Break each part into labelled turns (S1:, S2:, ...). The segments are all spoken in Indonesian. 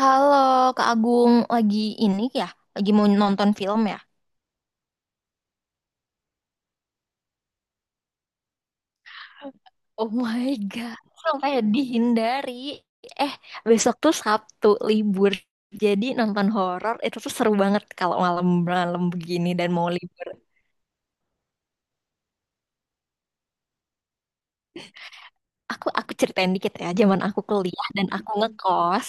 S1: Halo, Kak Agung, lagi ini ya? Lagi mau nonton film ya? Oh my God, sampai dihindari. Eh, Besok tuh Sabtu libur. Jadi nonton horor itu tuh seru banget kalau malam-malam begini dan mau libur. Aku ceritain dikit ya, zaman aku kuliah dan aku ngekos,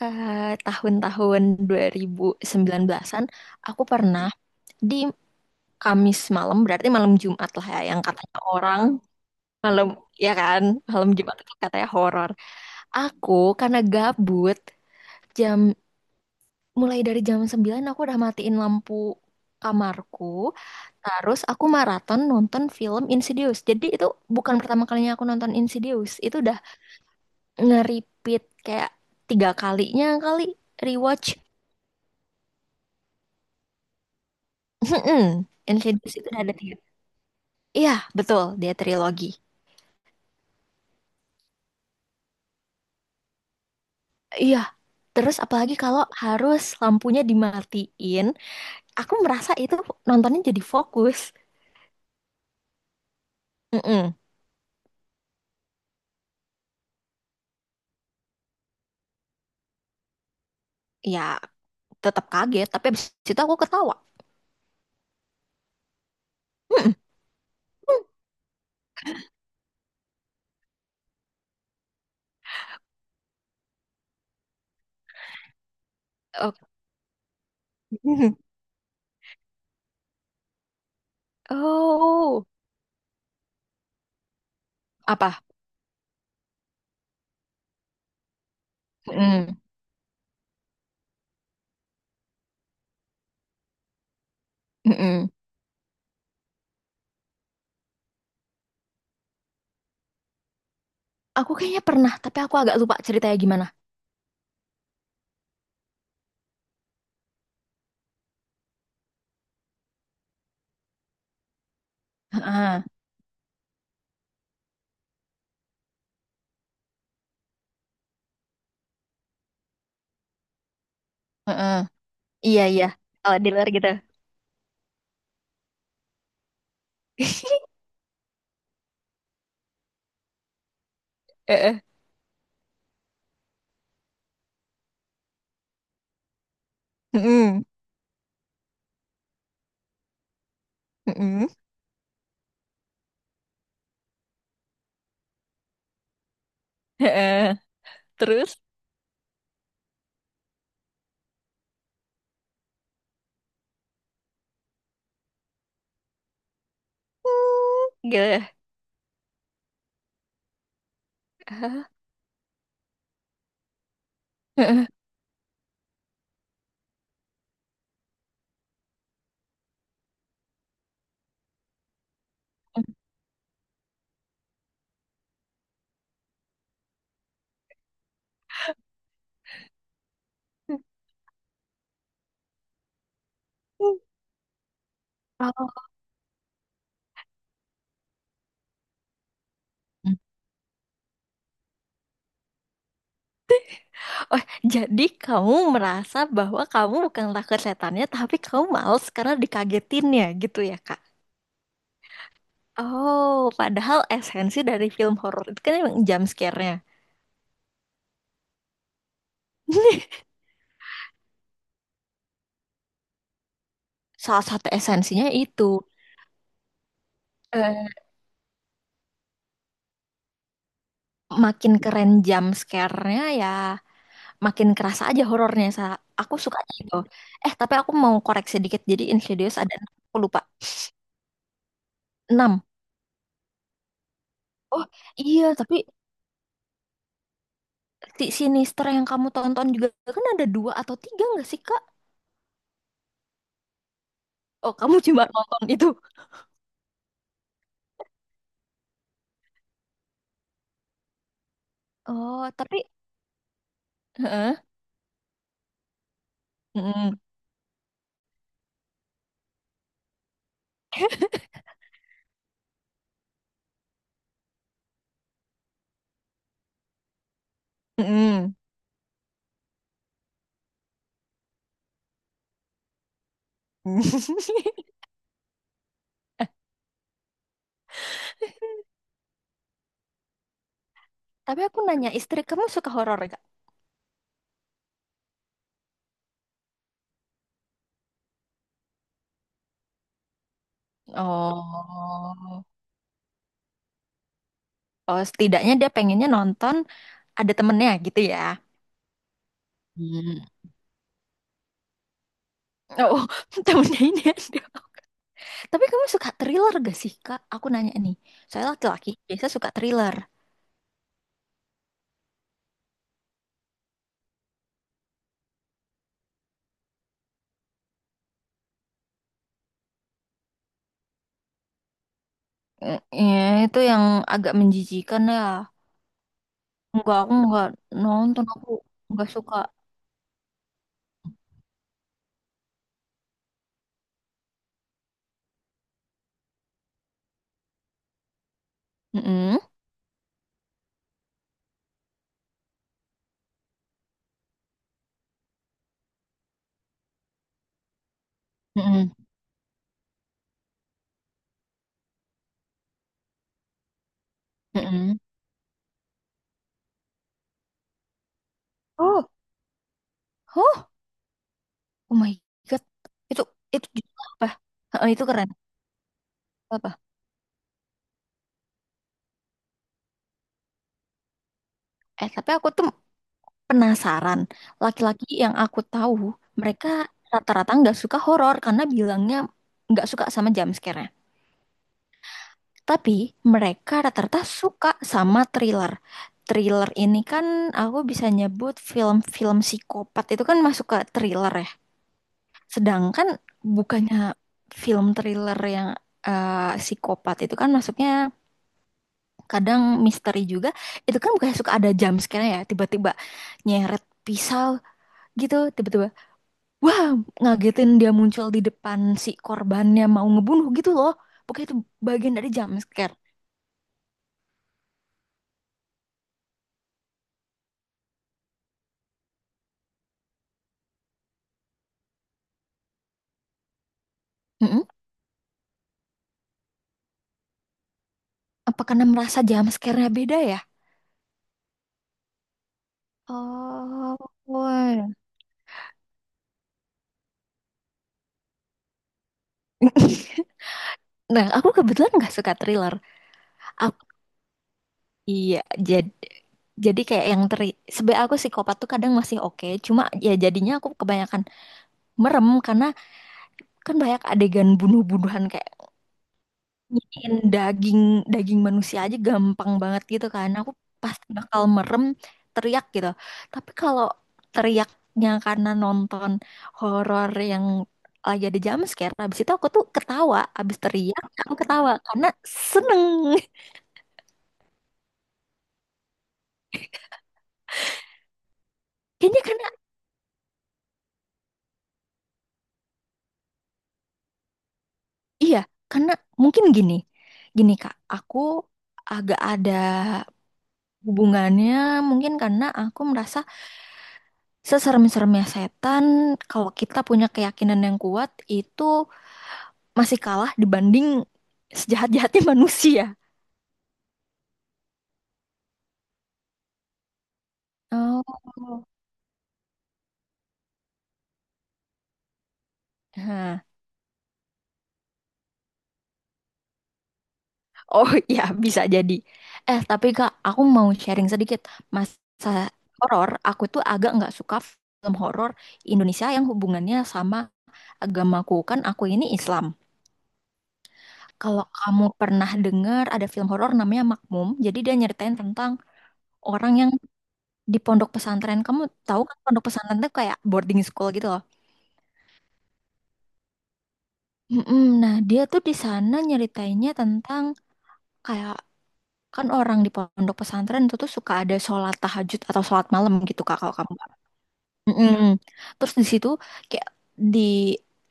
S1: tahun-tahun 2019-an, aku pernah di Kamis malam, berarti malam Jumat lah ya, yang katanya orang malam, ya kan? Malam Jumat itu katanya horor. Aku karena gabut, jam mulai dari jam 9 aku udah matiin lampu kamarku. Terus aku maraton nonton film Insidious. Jadi itu bukan pertama kalinya aku nonton Insidious. Itu udah nge-repeat kayak tiga kalinya kali rewatch. Insidious itu udah ada tiga. Iya, betul. Dia trilogi. Iya. Terus apalagi kalau harus lampunya dimatiin, aku merasa itu nontonnya jadi fokus. Mm-mm. Ya, tetap kaget, tapi abis itu aku ketawa. Mm-mm. Oh. Oh. Apa? Mm-mm. Mm-mm. Aku kayaknya pernah, tapi aku agak lupa ceritanya gimana. Heeh. Heeh. Iya, iya. Kalau di luar gitu. Heeh. Mm-mm. Mm-mm. Heeh. Terus? Mm. Gitu. Heeh. Heeh. Oh. Oh, jadi kamu merasa bahwa kamu bukanlah setannya, tapi kamu males karena dikagetinnya gitu ya, Kak? Oh, padahal esensi dari film horor itu kan emang jump scare-nya. Salah satu esensinya itu. Eh, Makin keren jump scare-nya ya, makin kerasa aja horornya. Aku suka itu. Tapi aku mau koreksi dikit. Jadi Insidious ada, enam. Aku lupa, 6. Oh, iya, tapi si Sinister yang kamu tonton juga kan ada dua atau tiga nggak sih, Kak? Oh, kamu cuma nonton itu. Oh, tapi heeh. Mm-mm. Mm-mm. Tapi aku nanya, istri kamu suka horor gak? Oh. Oh, setidaknya dia pengennya nonton ada temennya gitu ya. Hmm. Oh. Temennya ini ada. Tapi kamu suka thriller gak sih, Kak? Aku nanya nih. Saya laki-laki biasa suka thriller. Eh, Ya, itu yang agak menjijikan ya. Enggak, aku enggak nonton, aku enggak suka. Mm-mm. Mm-mm. Mm-mm. Oh. Oh, oh my God. Itu itu judul apa? Heeh, itu keren. Apa? Tapi aku tuh penasaran. Laki-laki yang aku tahu, mereka rata-rata nggak suka horor karena bilangnya nggak suka sama jump scare-nya. Tapi mereka rata-rata suka sama thriller. Thriller ini kan aku bisa nyebut film-film psikopat itu kan masuk ke thriller ya. Sedangkan bukannya film thriller yang psikopat itu kan masuknya kadang misteri juga, itu kan bukan suka ada jump scare ya, tiba-tiba nyeret pisau gitu, tiba-tiba, wah, ngagetin, dia muncul di depan si korbannya mau ngebunuh gitu loh, pokoknya itu bagian dari jump scare. Mm-mm. Apa karena merasa jump scare-nya beda ya? Oh, wah. Nah, aku kebetulan nggak suka thriller. Aku, iya. Jadi jadi kayak yang sebenarnya aku psikopat tuh kadang masih oke, cuma ya jadinya aku kebanyakan merem karena kan banyak adegan bunuh-bunuhan kayak nyisiin daging, daging manusia aja gampang banget gitu kan, aku pasti bakal merem, teriak gitu. Tapi kalau teriaknya karena nonton horor yang lagi ada jumpscare, habis itu aku tuh ketawa. Habis teriak aku ketawa karena seneng. Kayaknya karena iya, karena mungkin gini, gini kak, aku agak ada hubungannya, mungkin karena aku merasa seserem-seremnya setan, kalau kita punya keyakinan yang kuat, itu masih kalah dibanding sejahat-jahatnya manusia. Oh. Nah, oh ya bisa jadi. Tapi Kak, aku mau sharing sedikit. Masa horor, aku tuh agak nggak suka film horor Indonesia yang hubungannya sama agamaku. Kan aku ini Islam. Kalau kamu pernah dengar ada film horor namanya Makmum, jadi dia nyeritain tentang orang yang di pondok pesantren, kamu tahu kan pondok pesantren tuh kayak boarding school gitu loh. Mm-mm. Nah, dia tuh di sana nyeritainnya tentang kayak, kan orang di pondok pesantren itu tuh suka ada sholat tahajud atau sholat malam gitu kak, kalau kamu. Mm-mm. Terus di situ kayak di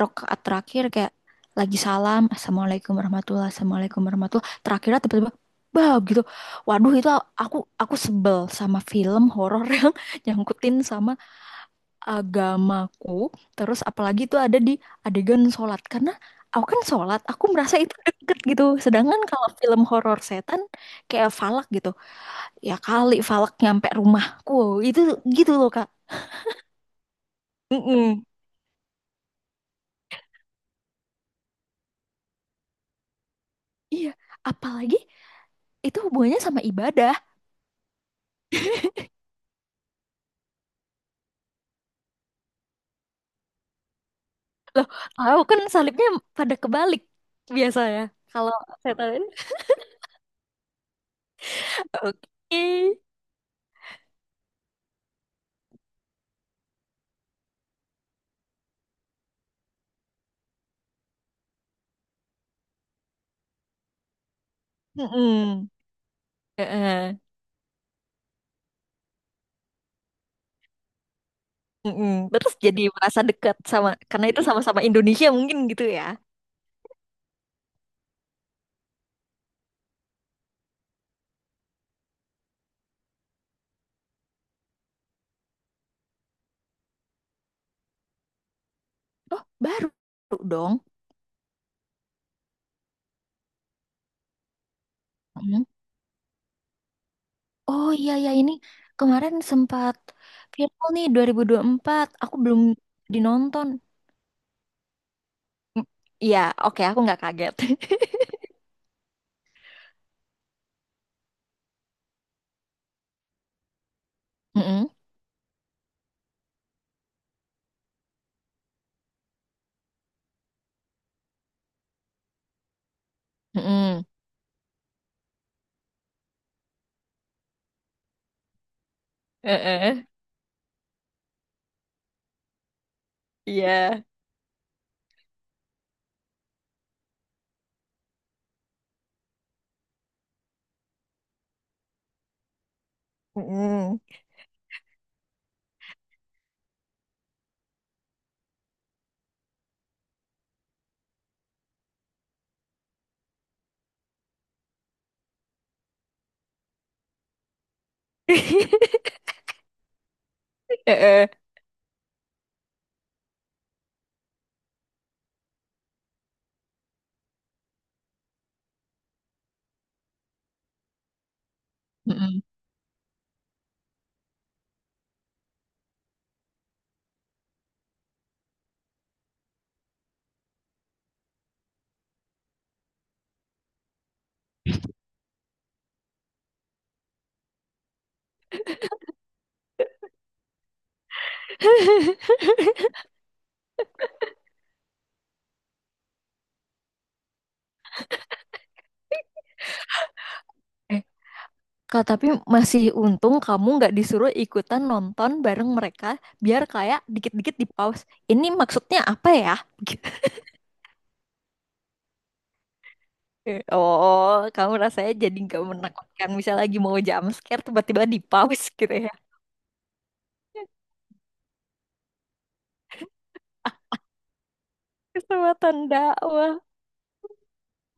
S1: rokaat terakhir, kayak lagi salam assalamualaikum warahmatullah, assalamualaikum warahmatullah terakhirnya tiba-tiba bah gitu, waduh, itu aku sebel sama film horor yang nyangkutin sama agamaku. Terus apalagi itu ada di adegan sholat, karena aku kan sholat, aku merasa itu deket gitu. Sedangkan kalau film horor setan kayak Falak gitu, ya kali Falak nyampe rumahku, itu gitu loh kak. Mm-mm. Iya, apalagi itu hubungannya sama ibadah. Aku kan salibnya pada kebalik biasanya, kalau setan, oke. Mm-mm. Eh, eh. Mm-mm. Terus jadi merasa dekat sama karena itu sama-sama Indonesia mungkin gitu ya. Oh, baru dong. Mm. Oh iya ya, ini kemarin sempat viral nih, dua 2024. Aku belum dinonton. Mm. Iya, oke aku nggak kaget. Mm-mm, mm-mm. Eh-eh. Iya. Mm-mm. Eh-eh, mm-mm. Eh, Kak, tapi masih untung kamu nggak disuruh ikutan nonton bareng mereka, biar kayak dikit-dikit di pause. Ini maksudnya apa ya? Oh, kamu rasanya jadi nggak menakutkan. Misal lagi mau jump scare, tiba-tiba di pause gitu ya. Kesempatan dakwah.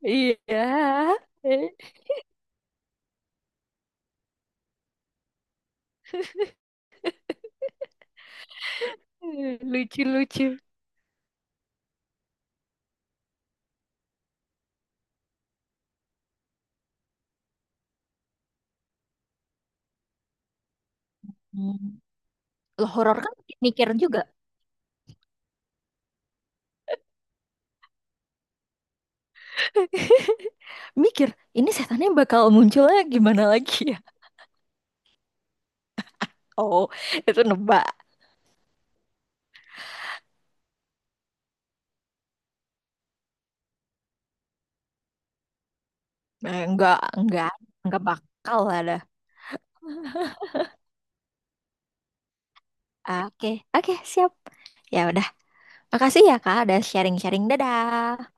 S1: Iya. Eh, Lucu-lucu. Hmm. Loh, horor kan mikir juga. Mikir, ini setannya bakal munculnya gimana lagi ya? Oh, itu nebak. Nah, enggak bakal ada. Oke, oke, siap. Ya udah. Makasih ya, Kak, udah sharing-sharing. Dadah.